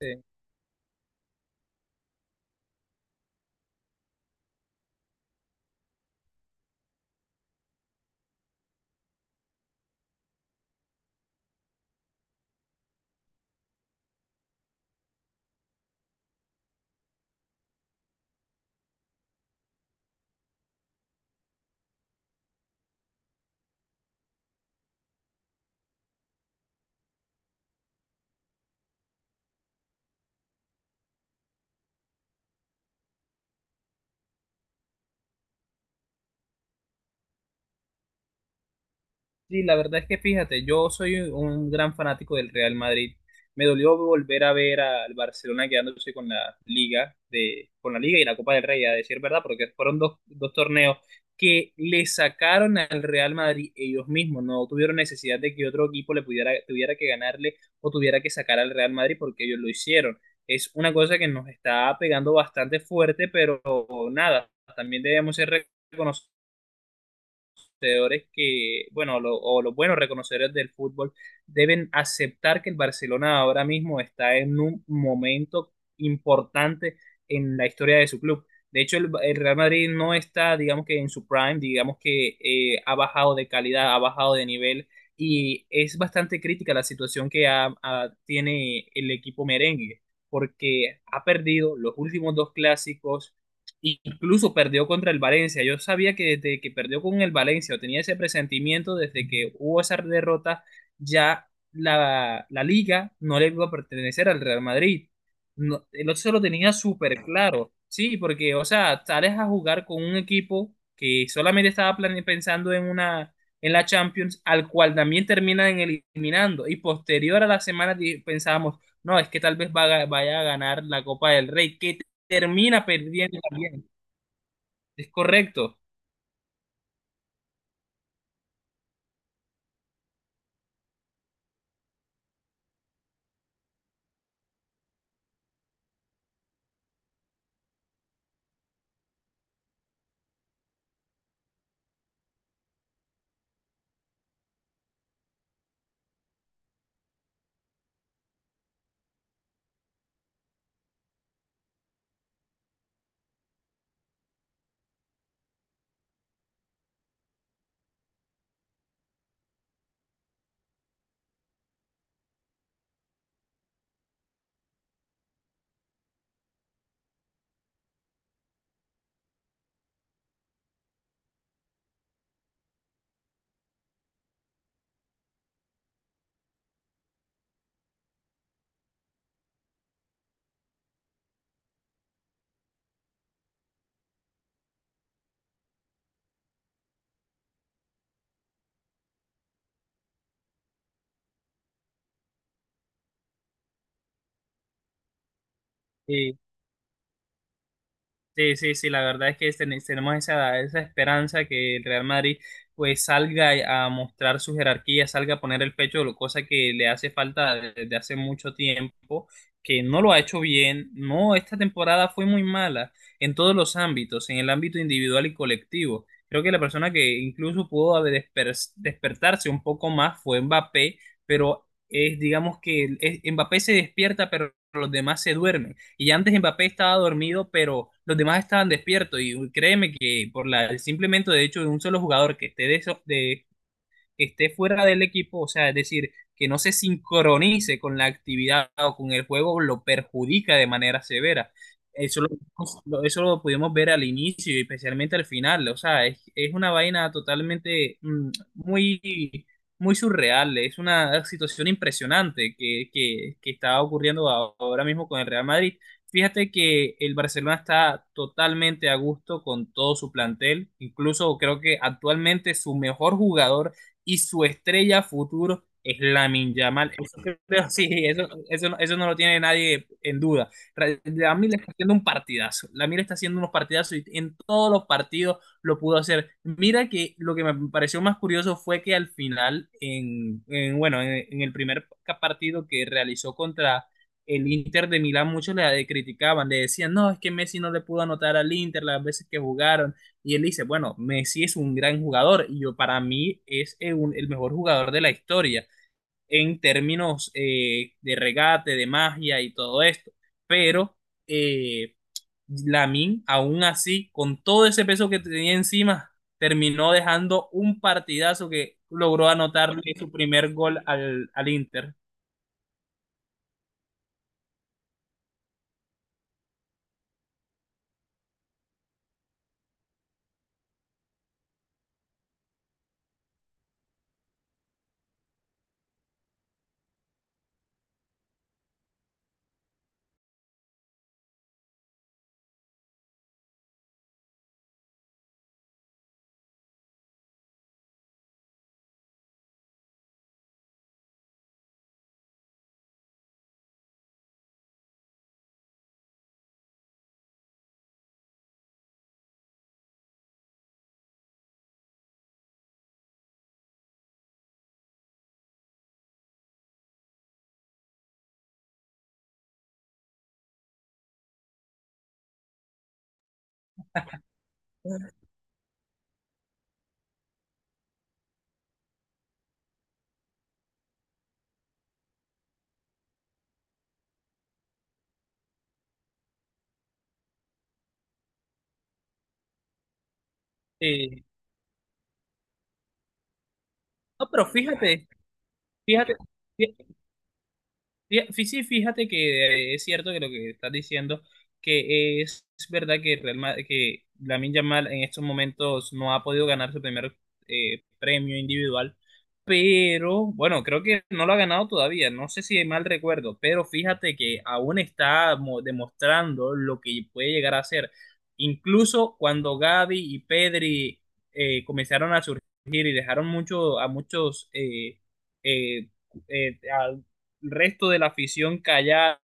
Sí, Sí, la verdad es que fíjate, yo soy un gran fanático del Real Madrid. Me dolió volver a ver al Barcelona quedándose con la con la Liga y la Copa del Rey, a decir verdad, porque fueron dos torneos que le sacaron al Real Madrid ellos mismos. No tuvieron necesidad de que otro equipo le tuviera que ganarle o tuviera que sacar al Real Madrid porque ellos lo hicieron. Es una cosa que nos está pegando bastante fuerte, pero nada, también debemos ser reconocidos conocedores que, bueno, lo- o los buenos reconocedores del fútbol deben aceptar que el Barcelona ahora mismo está en un momento importante en la historia de su club. De hecho, el Real Madrid no está, digamos que en su prime, digamos que ha bajado de calidad, ha bajado de nivel y es bastante crítica la situación que tiene el equipo merengue porque ha perdido los últimos dos clásicos. Incluso perdió contra el Valencia. Yo sabía que desde que perdió con el Valencia, o tenía ese presentimiento desde que hubo esa derrota, ya la liga no le iba a pertenecer al Real Madrid. No, el otro se lo tenía súper claro. Sí, porque, o sea, sales a jugar con un equipo que solamente estaba pensando en una en la Champions, al cual también terminan eliminando. Y posterior a la semana pensábamos, no, es que tal vez vaya a ganar la Copa del Rey, que termina perdiendo también. Es correcto. Eh, Sí, sí, sí, la verdad es que tenemos esa esperanza que el Real Madrid pues salga a mostrar su jerarquía, salga a poner el pecho, cosa que le hace falta desde hace mucho tiempo, que no lo ha hecho bien. No, esta temporada fue muy mala en todos los ámbitos, en el ámbito individual y colectivo. Creo que la persona que incluso pudo haber despertarse un poco más fue Mbappé, pero es, digamos que Mbappé se despierta, pero los demás se duermen. Y antes Mbappé estaba dormido, pero los demás estaban despiertos. Y créeme que por el simplemente de hecho de un solo jugador que de esté fuera del equipo, o sea, es decir, que no se sincronice con la actividad o con el juego, lo perjudica de manera severa. Eso lo pudimos ver al inicio y especialmente al final. O sea, es una vaina totalmente muy, muy surreal. Es una situación impresionante que está ocurriendo ahora mismo con el Real Madrid. Fíjate que el Barcelona está totalmente a gusto con todo su plantel. Incluso creo que actualmente su mejor jugador y su estrella futuro es Lamin Yamal. Eso, sí, no, eso, no lo tiene nadie en duda. Lamin está haciendo un partidazo. Lamin está haciendo unos partidazos y en todos los partidos lo pudo hacer. Mira que lo que me pareció más curioso fue que al final, en bueno, en, el primer partido que realizó contra el Inter de Milán, muchos le criticaban, le decían, no, es que Messi no le pudo anotar al Inter las veces que jugaron, y él dice, bueno, Messi es un gran jugador y yo para mí es el mejor jugador de la historia en términos de regate, de magia y todo esto. Pero eh, Lamine, aún así, con todo ese peso que tenía encima, terminó dejando un partidazo que logró anotarle su primer gol al Inter. Eh, no, pero fíjate, sí, fíjate que es cierto que lo que estás diciendo, que es verdad que, Lamine Yamal en estos momentos no ha podido ganar su primer premio individual, pero bueno, creo que no lo ha ganado todavía, no sé si mal recuerdo, pero fíjate que aún está demostrando lo que puede llegar a ser. Incluso cuando Gavi y Pedri comenzaron a surgir y dejaron mucho, a eh, eh, resto de la afición callada,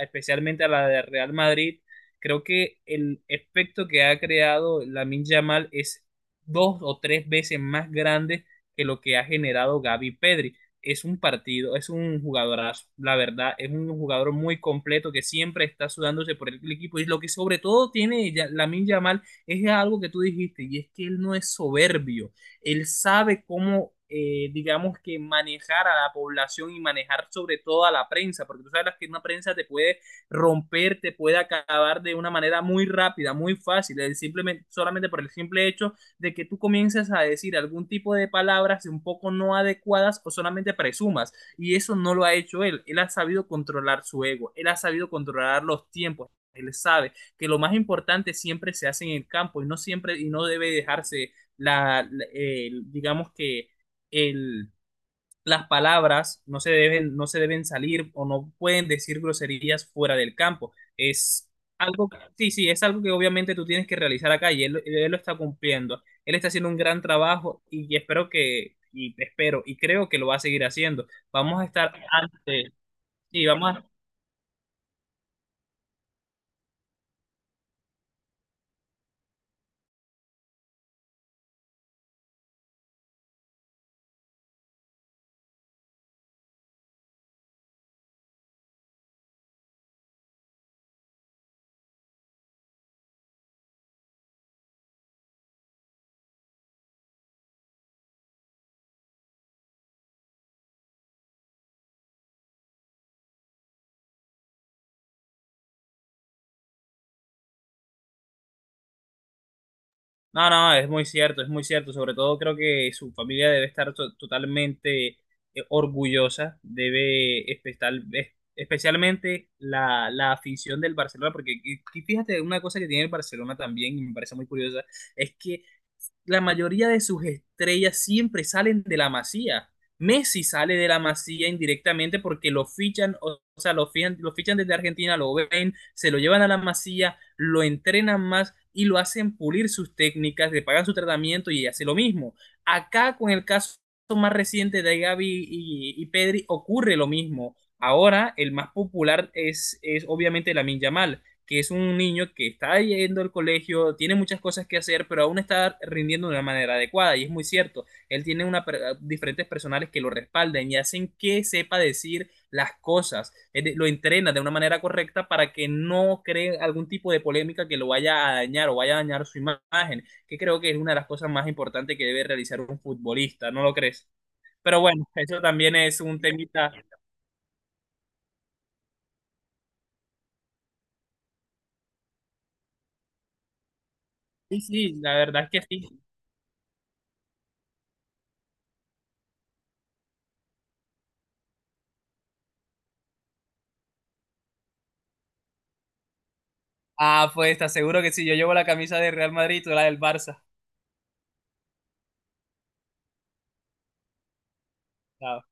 especialmente a la de Real Madrid, creo que el efecto que ha creado Lamin Yamal es dos o tres veces más grande que lo que ha generado Gavi Pedri. Es un partido, es un jugadorazo, la verdad, es un jugador muy completo que siempre está sudándose por el equipo. Y lo que sobre todo tiene Lamine Yamal es algo que tú dijiste, y es que él no es soberbio. Él sabe cómo, digamos que manejar a la población y manejar sobre todo a la prensa, porque tú sabes que una prensa te puede romper, te puede acabar de una manera muy rápida, muy fácil, solamente por el simple hecho de que tú comiences a decir algún tipo de palabras un poco no adecuadas o solamente presumas, y eso no lo ha hecho él, él ha sabido controlar su ego, él ha sabido controlar los tiempos, él sabe que lo más importante siempre se hace en el campo y no siempre y no debe dejarse digamos que el, las palabras no se deben salir o no pueden decir groserías fuera del campo. Es algo, sí, sí, es algo que obviamente tú tienes que realizar acá y él lo está cumpliendo. Él está haciendo un gran trabajo y espero y creo que lo va a seguir haciendo. Vamos a estar ante, sí, vamos a No, no, es muy cierto, es muy cierto. Sobre todo creo que su familia debe estar totalmente orgullosa, especialmente la afición del Barcelona, porque y fíjate una cosa que tiene el Barcelona también, y me parece muy curiosa, es que la mayoría de sus estrellas siempre salen de la Masía. Messi sale de la Masía indirectamente porque lo fichan, o sea, lo fichan desde Argentina, lo ven, se lo llevan a la Masía, lo entrenan más y lo hacen pulir sus técnicas, le pagan su tratamiento y hace lo mismo. Acá con el caso más reciente de Gavi y Pedri ocurre lo mismo. Ahora el más popular es obviamente Lamin Yamal que es un niño que está yendo al colegio, tiene muchas cosas que hacer, pero aún está rindiendo de una manera adecuada. Y es muy cierto, él tiene una, diferentes personales que lo respalden y hacen que sepa decir las cosas, él lo entrena de una manera correcta para que no cree algún tipo de polémica que lo vaya a dañar o vaya a dañar su imagen, que creo que es una de las cosas más importantes que debe realizar un futbolista, ¿no lo crees? Pero bueno, eso también es un temita. Sí, sí, la verdad es que sí. Ah, pues te aseguro que si yo llevo la camisa del Real Madrid, tú la del Barça. Ah,